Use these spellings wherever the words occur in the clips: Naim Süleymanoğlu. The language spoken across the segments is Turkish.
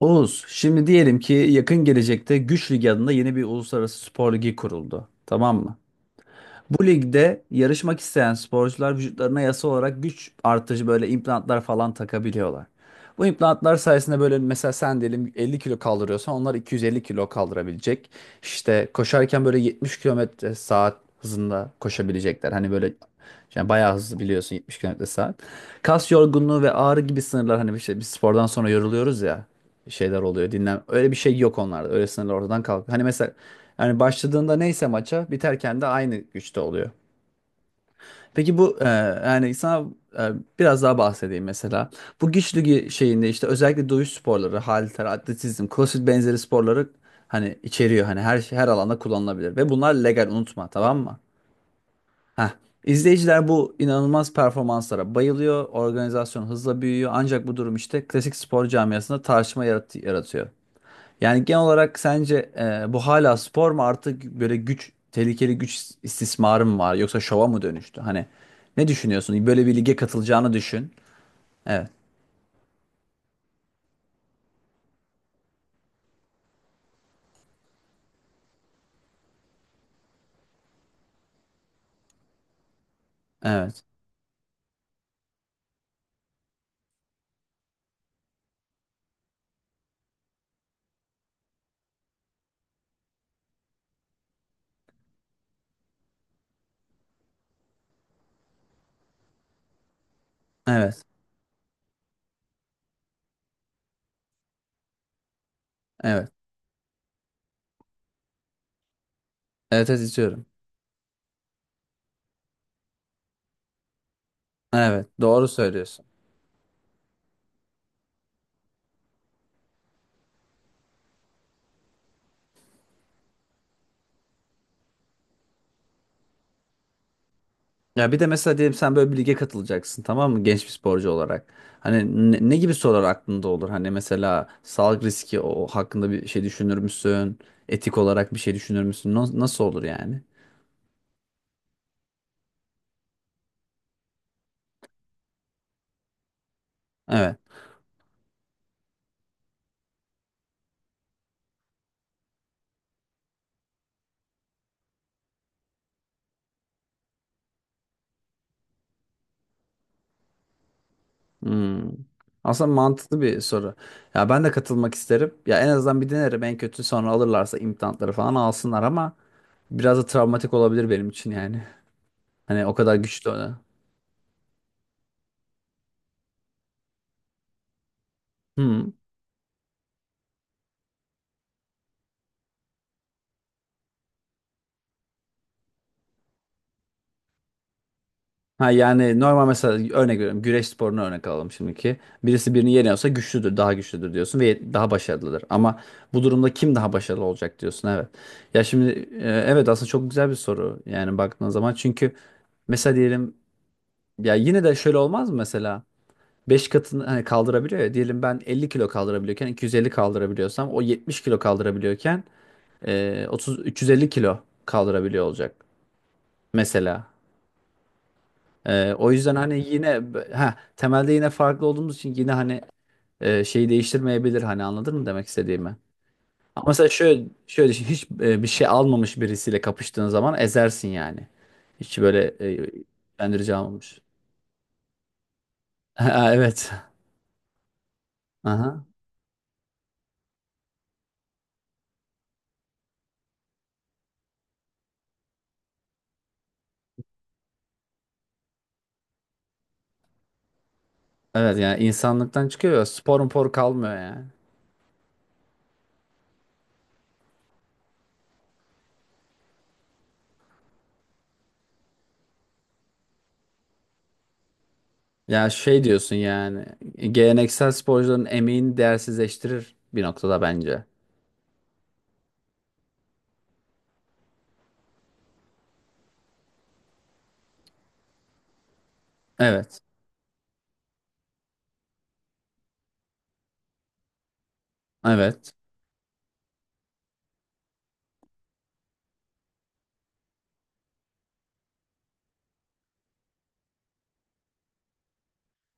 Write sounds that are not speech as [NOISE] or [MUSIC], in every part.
Oğuz, şimdi diyelim ki yakın gelecekte Güç Ligi adında yeni bir uluslararası spor ligi kuruldu. Tamam mı? Bu ligde yarışmak isteyen sporcular vücutlarına yasa olarak güç artıcı böyle implantlar falan takabiliyorlar. Bu implantlar sayesinde böyle mesela sen diyelim 50 kilo kaldırıyorsan onlar 250 kilo kaldırabilecek. İşte koşarken böyle 70 kilometre saat hızında koşabilecekler. Hani böyle yani bayağı hızlı biliyorsun 70 kilometre saat. Kas yorgunluğu ve ağrı gibi sınırlar hani işte biz spordan sonra yoruluyoruz ya, şeyler oluyor dinlen. Öyle bir şey yok onlarda. Öyle sınırlar ortadan kalkıyor. Hani mesela yani başladığında neyse maça, biterken de aynı güçte oluyor. Peki bu, yani sana e, biraz daha bahsedeyim mesela. Bu güç ligi şeyinde işte özellikle dövüş sporları, halter, atletizm, crossfit benzeri sporları hani içeriyor. Hani her şey, her alanda kullanılabilir ve bunlar legal, unutma, tamam mı? Heh. İzleyiciler bu inanılmaz performanslara bayılıyor. Organizasyon hızla büyüyor. Ancak bu durum işte klasik spor camiasında tartışma yaratıyor. Yani genel olarak sence bu hala spor mu artık, böyle güç, tehlikeli güç istismarı mı var, yoksa şova mı dönüştü? Hani ne düşünüyorsun? Böyle bir lige katılacağını düşün. Evet. Evet. Evet. Evet. Evet, evet istiyorum. Evet, doğru söylüyorsun. Ya bir de mesela diyelim sen böyle bir lige katılacaksın, tamam mı? Genç bir sporcu olarak. Hani ne gibi sorular aklında olur? Hani mesela sağlık riski, o hakkında bir şey düşünür müsün? Etik olarak bir şey düşünür müsün? Nasıl olur yani? Evet. Hmm. Aslında mantıklı bir soru. Ya ben de katılmak isterim. Ya en azından bir denerim. En kötü sonra alırlarsa implantları falan alsınlar ama biraz da travmatik olabilir benim için yani. [LAUGHS] Hani o kadar güçlü. Hmm. Ha yani normal, mesela örnek veriyorum. Güreş sporunu örnek alalım şimdiki. Birisi birini yeniyorsa güçlüdür, daha güçlüdür diyorsun ve daha başarılıdır. Ama bu durumda kim daha başarılı olacak diyorsun, evet. Ya şimdi, evet aslında çok güzel bir soru yani baktığın zaman. Çünkü mesela diyelim, ya yine de şöyle olmaz mı mesela? 5 katını hani kaldırabiliyor ya. Diyelim ben 50 kilo kaldırabiliyorken 250 kaldırabiliyorsam, o 70 kilo kaldırabiliyorken 30 350 kilo kaldırabiliyor olacak mesela. O yüzden hani yine temelde yine farklı olduğumuz için, yine hani şeyi değiştirmeyebilir, hani anladın mı demek istediğimi? Ama mesela şöyle şöyle düşün, hiç bir şey almamış birisiyle kapıştığın zaman ezersin yani. Hiç böyle e, bendirici almamış. [LAUGHS] Ha, evet. Aha. Evet yani insanlıktan çıkıyor ya, spor mpor kalmıyor yani. Ya şey diyorsun yani, geleneksel sporcuların emeğini değersizleştirir bir noktada bence. Evet. Evet.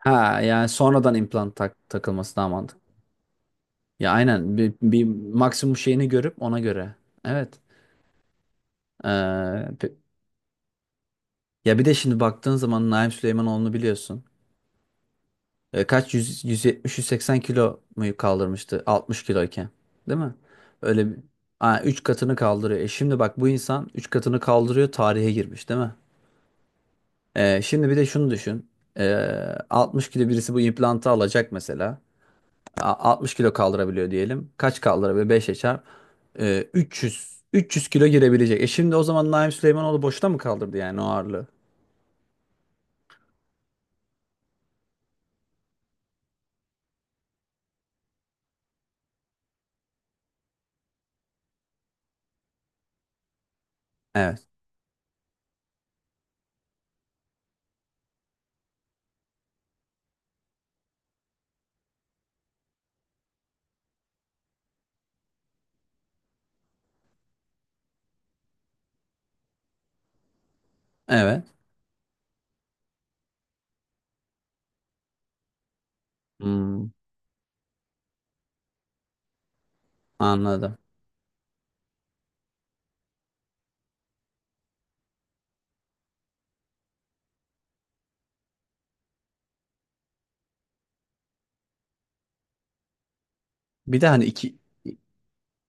Ha yani sonradan implant takılması daha mantıklı. Ya aynen, bir maksimum şeyini görüp ona göre. Evet. Ee, pe- Ya bir de şimdi baktığın zaman Naim Süleymanoğlu'nu biliyorsun. Kaç 100, 170-180 kilo mu kaldırmıştı 60 kiloyken. Değil mi? Öyle bir 3 katını kaldırıyor. Şimdi bak, bu insan 3 katını kaldırıyor, tarihe girmiş değil mi? Şimdi bir de şunu düşün. Ee, 60 kilo birisi bu implantı alacak mesela. 60 kilo kaldırabiliyor diyelim. Kaç kaldırabiliyor? 5'e çarp. 300. 300 kilo girebilecek. Şimdi o zaman Naim Süleymanoğlu boşta mı kaldırdı yani o ağırlığı? Evet. Evet. Hmm, anladım. Bir de hani iki.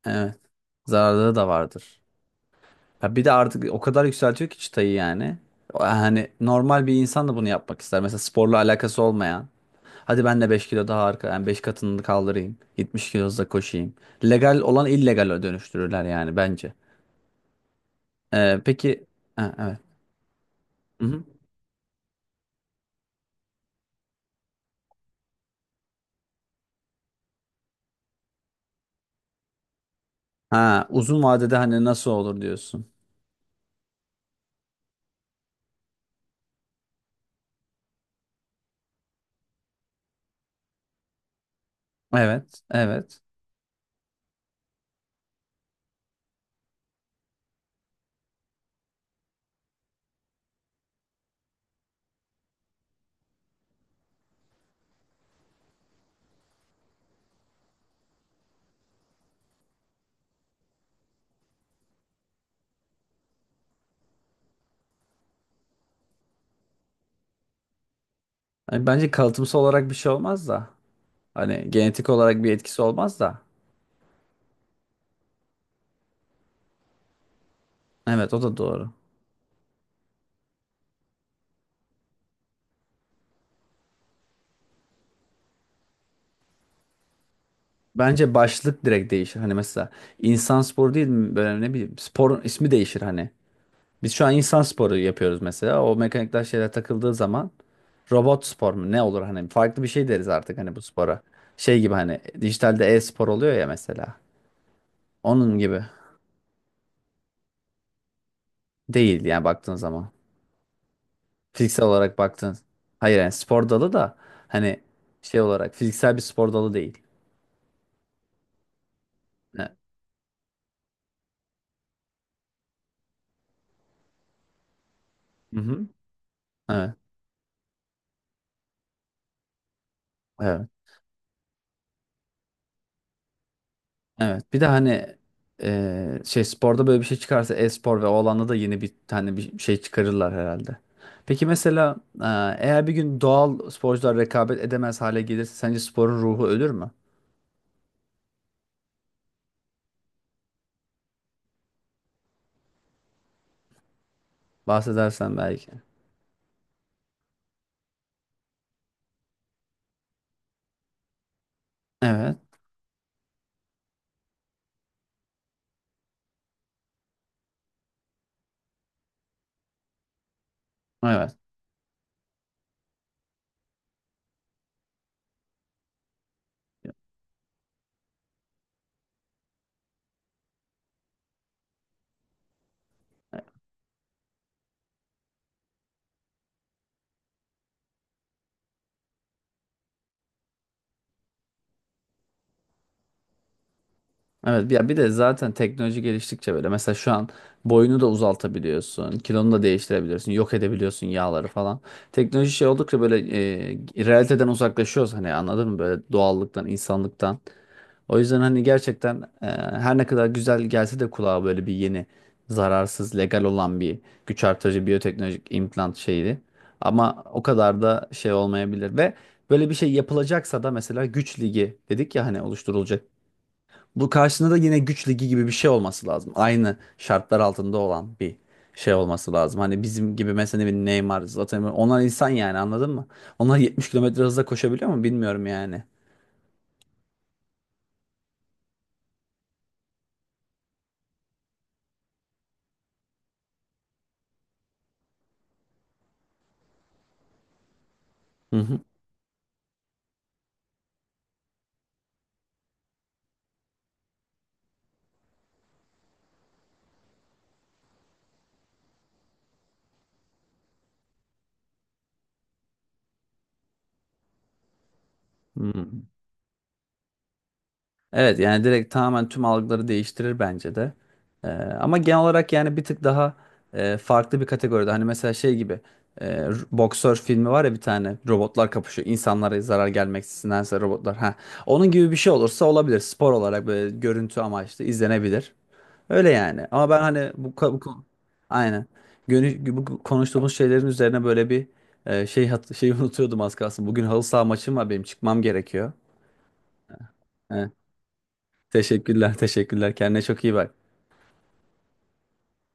Evet. Zararları da vardır. Ya bir de artık o kadar yükseltiyor ki çıtayı yani. Hani normal bir insan da bunu yapmak ister. Mesela sporla alakası olmayan. Hadi ben de 5 kilo daha arka, yani 5 katını kaldırayım. 70 kilo hızla koşayım. Legal olan illegale dönüştürürler yani bence. Peki ha, evet. Hı-hı. Ha, uzun vadede hani nasıl olur diyorsun. Evet, evet. Yani bence kalıtımsal olarak bir şey olmaz da. Hani genetik olarak bir etkisi olmaz da. Evet, o da doğru. Bence başlık direkt değişir. Hani mesela insan sporu değil mi? Böyle, ne bileyim, sporun ismi değişir hani. Biz şu an insan sporu yapıyoruz mesela. O mekanikler, şeyler takıldığı zaman robot spor mu? Ne olur hani, farklı bir şey deriz artık hani bu spora. Şey gibi, hani dijitalde e-spor oluyor ya mesela. Onun gibi değil yani baktığın zaman. Fiziksel olarak baktığın. Hayır, yani spor dalı da hani şey olarak fiziksel bir spor dalı değil. Evet. Hı-hı. Evet. Evet. Evet. Bir de hani şey sporda böyle bir şey çıkarsa, e-spor ve o alanda da yeni bir tane bir şey çıkarırlar herhalde. Peki mesela e, eğer bir gün doğal sporcular rekabet edemez hale gelirse, sence sporun ruhu ölür mü? Bahsedersen belki. Evet. Evet. Evet. Ya bir de zaten teknoloji geliştikçe böyle, mesela şu an boyunu da uzaltabiliyorsun, kilonu da değiştirebiliyorsun, yok edebiliyorsun yağları falan. Teknoloji şey oldukça böyle realiteden uzaklaşıyoruz hani, anladın mı? Böyle doğallıktan, insanlıktan. O yüzden hani gerçekten her ne kadar güzel gelse de kulağa, böyle bir yeni, zararsız, legal olan bir güç artırıcı biyoteknolojik implant şeydi. Ama o kadar da şey olmayabilir ve böyle bir şey yapılacaksa da, mesela güç ligi dedik ya hani, oluşturulacak. Bu karşısında da yine güç ligi gibi bir şey olması lazım. Aynı şartlar altında olan bir şey olması lazım. Hani bizim gibi mesela bir Neymar, Zlatan, onlar insan yani, anladın mı? Onlar 70 kilometre hızla koşabiliyor mu bilmiyorum yani. Hı hı. Hı. Evet yani direkt tamamen tüm algıları değiştirir bence de. Ama genel olarak yani bir tık daha farklı bir kategoride. Hani mesela şey gibi, boksör filmi var ya bir tane, robotlar kapışıyor. İnsanlara zarar gelmeksindense robotlar. Ha. Onun gibi bir şey olursa olabilir. Spor olarak böyle görüntü amaçlı izlenebilir. Öyle yani. Ama ben hani bu, ka- bu ko- aynen. Bu konuştuğumuz şeylerin üzerine böyle bir şey şeyi [LAUGHS] unutuyordum az kalsın. Bugün halı saha maçım var, benim çıkmam gerekiyor. Teşekkürler, teşekkürler. Kendine çok iyi bak.